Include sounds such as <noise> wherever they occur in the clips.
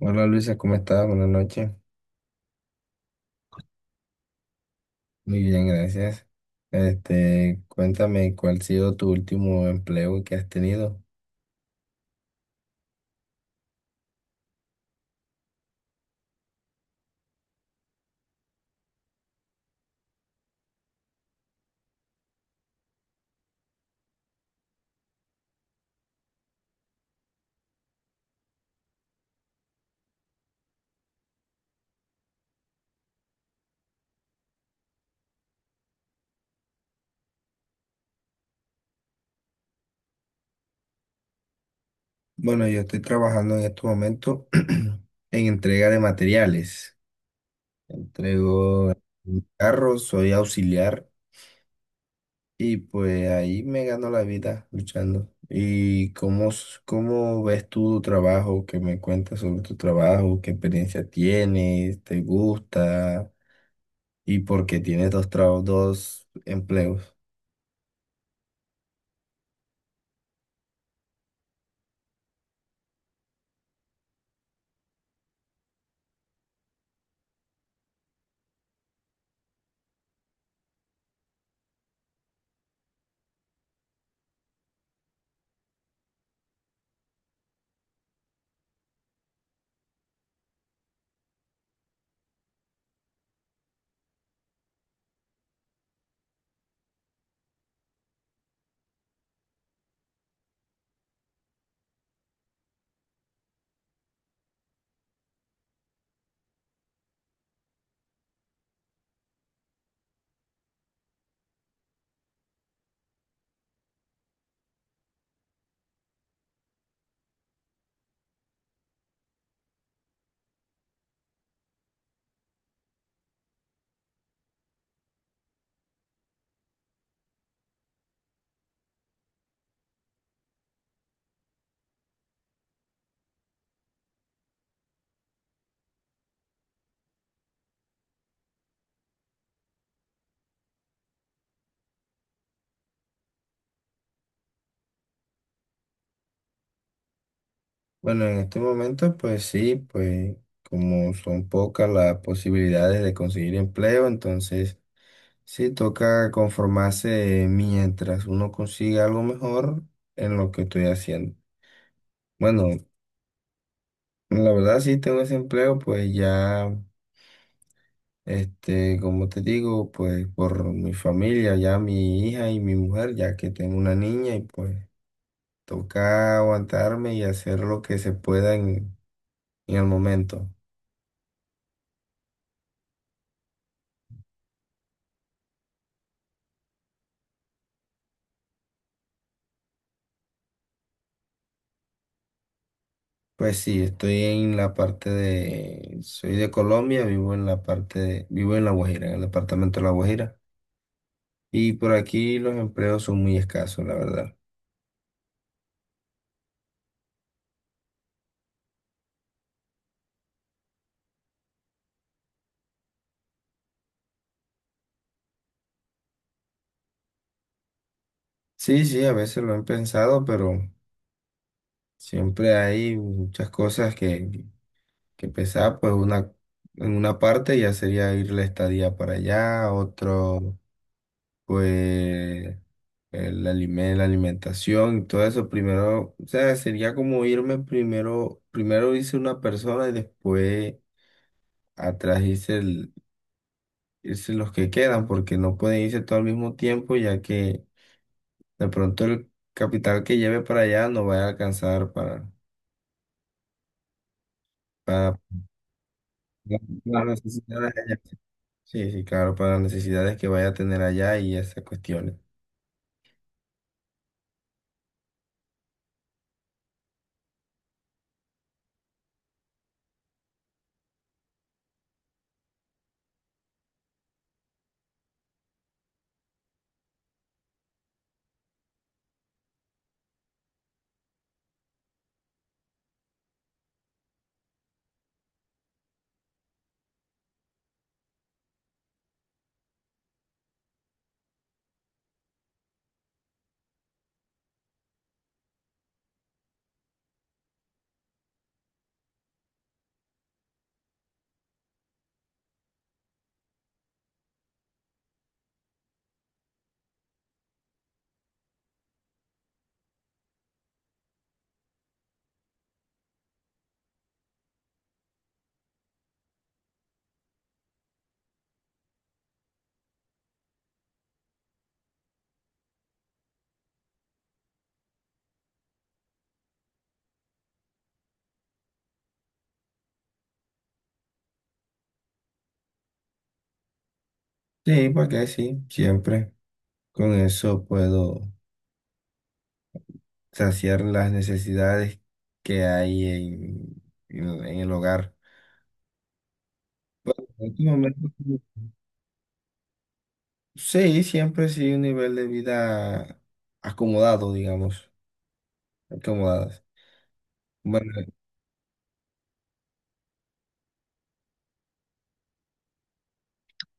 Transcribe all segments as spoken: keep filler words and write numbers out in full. Hola Luisa, ¿cómo estás? Buenas noches. Muy bien, gracias. Este, cuéntame cuál ha sido tu último empleo que has tenido. Bueno, yo estoy trabajando en este momento <clears throat> en entrega de materiales. Entrego un carro, soy auxiliar y pues ahí me gano la vida luchando. ¿Y cómo, s- cómo ves tú tu trabajo? ¿Qué me cuentas sobre tu trabajo? ¿Qué experiencia tienes? ¿Te gusta? Y porque tienes dos trabajos, dos empleos. Bueno, en este momento, pues sí, pues como son pocas las posibilidades de conseguir empleo, entonces sí toca conformarse mientras uno consiga algo mejor en lo que estoy haciendo. Bueno, la verdad sí tengo ese empleo, pues ya, este, como te digo, pues por mi familia, ya mi hija y mi mujer, ya que tengo una niña y pues toca aguantarme y hacer lo que se pueda en, en el momento. Pues sí, estoy en la parte de, soy de Colombia, vivo en la parte de- vivo en La Guajira, en el departamento de La Guajira. Y por aquí los empleos son muy escasos, la verdad. Sí, sí, a veces lo he pensado, pero siempre hay muchas cosas que, que, pensar, pues una, en una parte ya sería ir la estadía para allá, otro. Pues el alime- la alimentación y todo eso, primero, o sea, sería como irme primero, primero irse una persona y después atrás irse, el- irse los que quedan, porque no pueden irse todo al mismo tiempo, ya que de pronto el capital que lleve para allá no va a alcanzar para, para las necesidades allá. Sí, sí, claro, para las necesidades que vaya a tener allá y esas cuestiones. Sí, para qué, sí, siempre. Con eso puedo saciar las necesidades que hay en, en- en el hogar. En este momento, sí, siempre sí un nivel de vida acomodado, digamos, acomodadas. Bueno,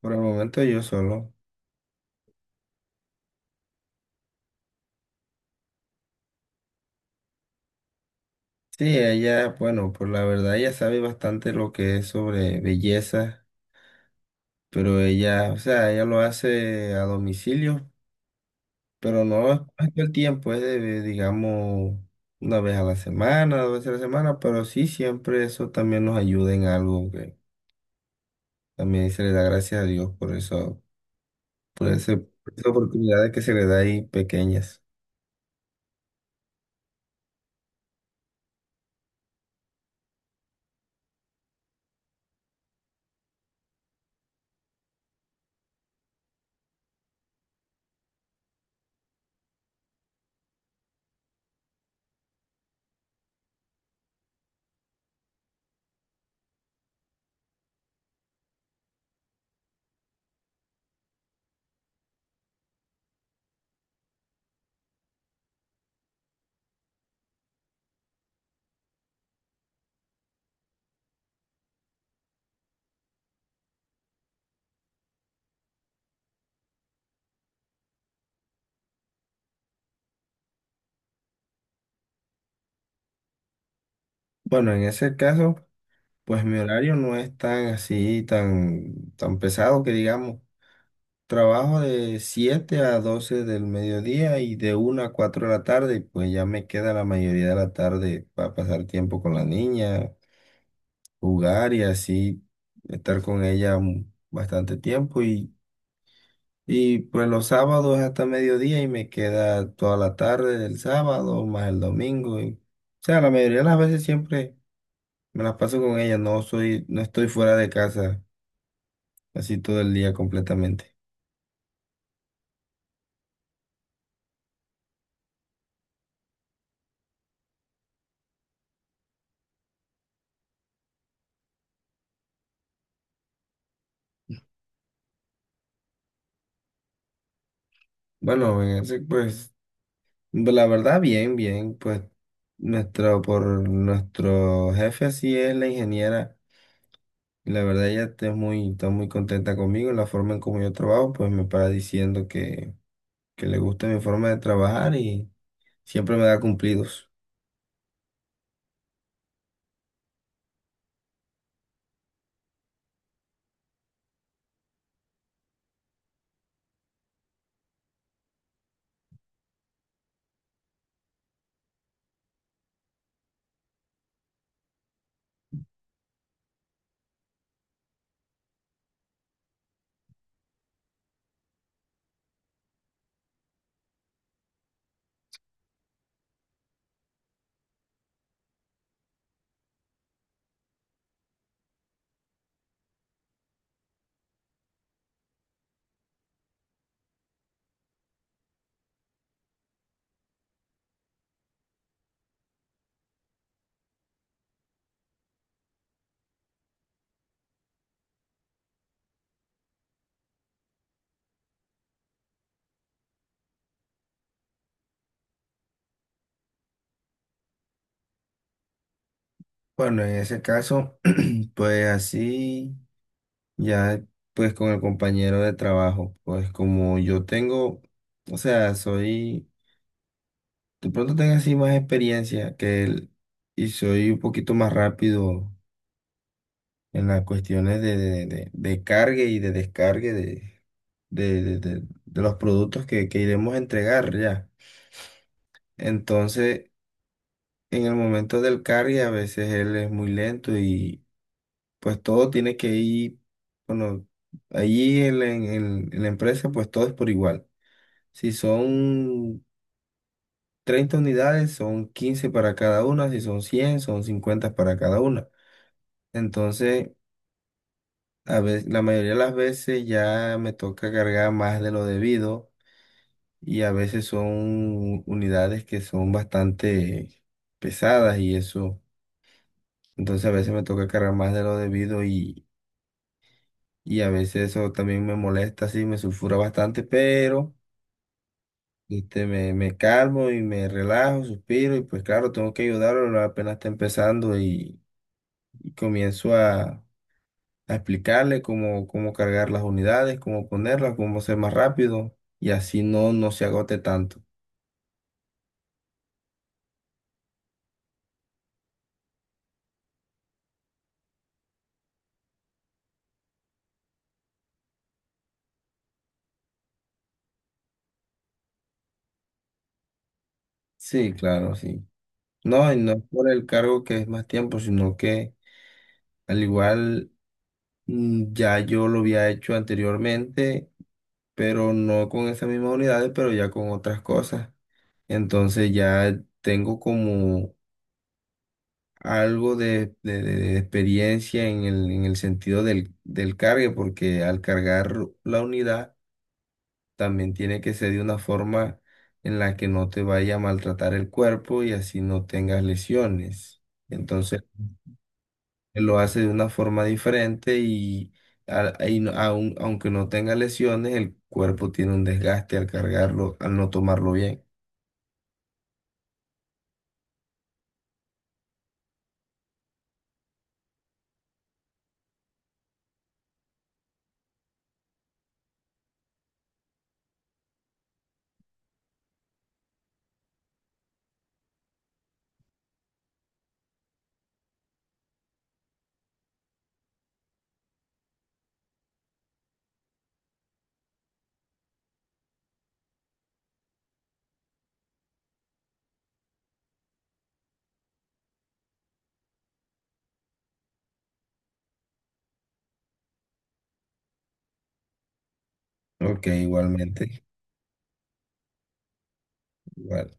por el momento yo solo. Sí, ella, bueno, por la verdad, ella sabe bastante lo que es sobre belleza, pero ella, o sea, ella lo hace a domicilio. Pero no es todo el tiempo, es de, digamos, una vez a la semana, dos veces a la semana, pero sí siempre eso también nos ayuda en algo que también se le da gracias a Dios por eso, por ese, por esas oportunidades que se le da ahí pequeñas. Bueno, en ese caso, pues mi horario no es tan así, tan, tan pesado que digamos. Trabajo de siete a doce del mediodía y de una a cuatro de la tarde, y pues ya me queda la mayoría de la tarde para pasar tiempo con la niña, jugar y así estar con ella un- bastante tiempo y, y pues los sábados hasta mediodía y me queda toda la tarde del sábado más el domingo y, o sea, la mayoría de las veces siempre me las paso con ella, no soy, no estoy fuera de casa así todo el día completamente. Bueno, en ese, pues la verdad bien, bien, pues nuestro, por nuestro jefe así es la ingeniera. La verdad ella está muy, está muy contenta conmigo, la forma en como yo trabajo, pues me para diciendo que, que, le gusta mi forma de trabajar y siempre me da cumplidos. Bueno, en ese caso, <clears throat> pues así, ya pues con el compañero de trabajo, pues como yo tengo, o sea, soy, de pronto tengo así más experiencia que él y soy un poquito más rápido en las cuestiones de, de, de, de cargue y de descargue de, de, de, de- de los productos que, que iremos a entregar ya. Entonces, en el momento del cargue, a veces él es muy lento y pues todo tiene que ir, bueno, allí en, la- en, en- en la empresa, pues todo es por igual. Si son treinta unidades, son quince para cada una, si son cien son cincuenta para cada una. Entonces, A ve- la mayoría de las veces ya me toca cargar más de lo debido y a veces son unidades que son bastante pesadas y eso. Entonces a veces me toca cargar más de lo debido y, y a veces eso también me molesta, sí, me sulfura bastante, pero este, me, me calmo y me relajo, suspiro y pues claro, tengo que ayudarlo, apenas está empezando y, y, comienzo a a explicarle cómo, cómo cargar las unidades, cómo ponerlas, cómo ser más rápido y así no, no se agote tanto. Sí, claro, sí. No, y no es por el cargo que es más tiempo, sino que al igual mm, ya yo lo había hecho anteriormente, pero no con esas mismas unidades, pero ya con otras cosas. Entonces ya tengo como algo de, de- de- de experiencia en el, en el, sentido del, del cargue, porque al cargar la unidad, también tiene que ser de una forma en la que no te vaya a maltratar el cuerpo y así no tengas lesiones. Entonces, él lo hace de una forma diferente y, a- y no- aun- aunque no tenga lesiones, el cuerpo tiene un desgaste al cargarlo, al no tomarlo bien. Ok, igualmente. Igual.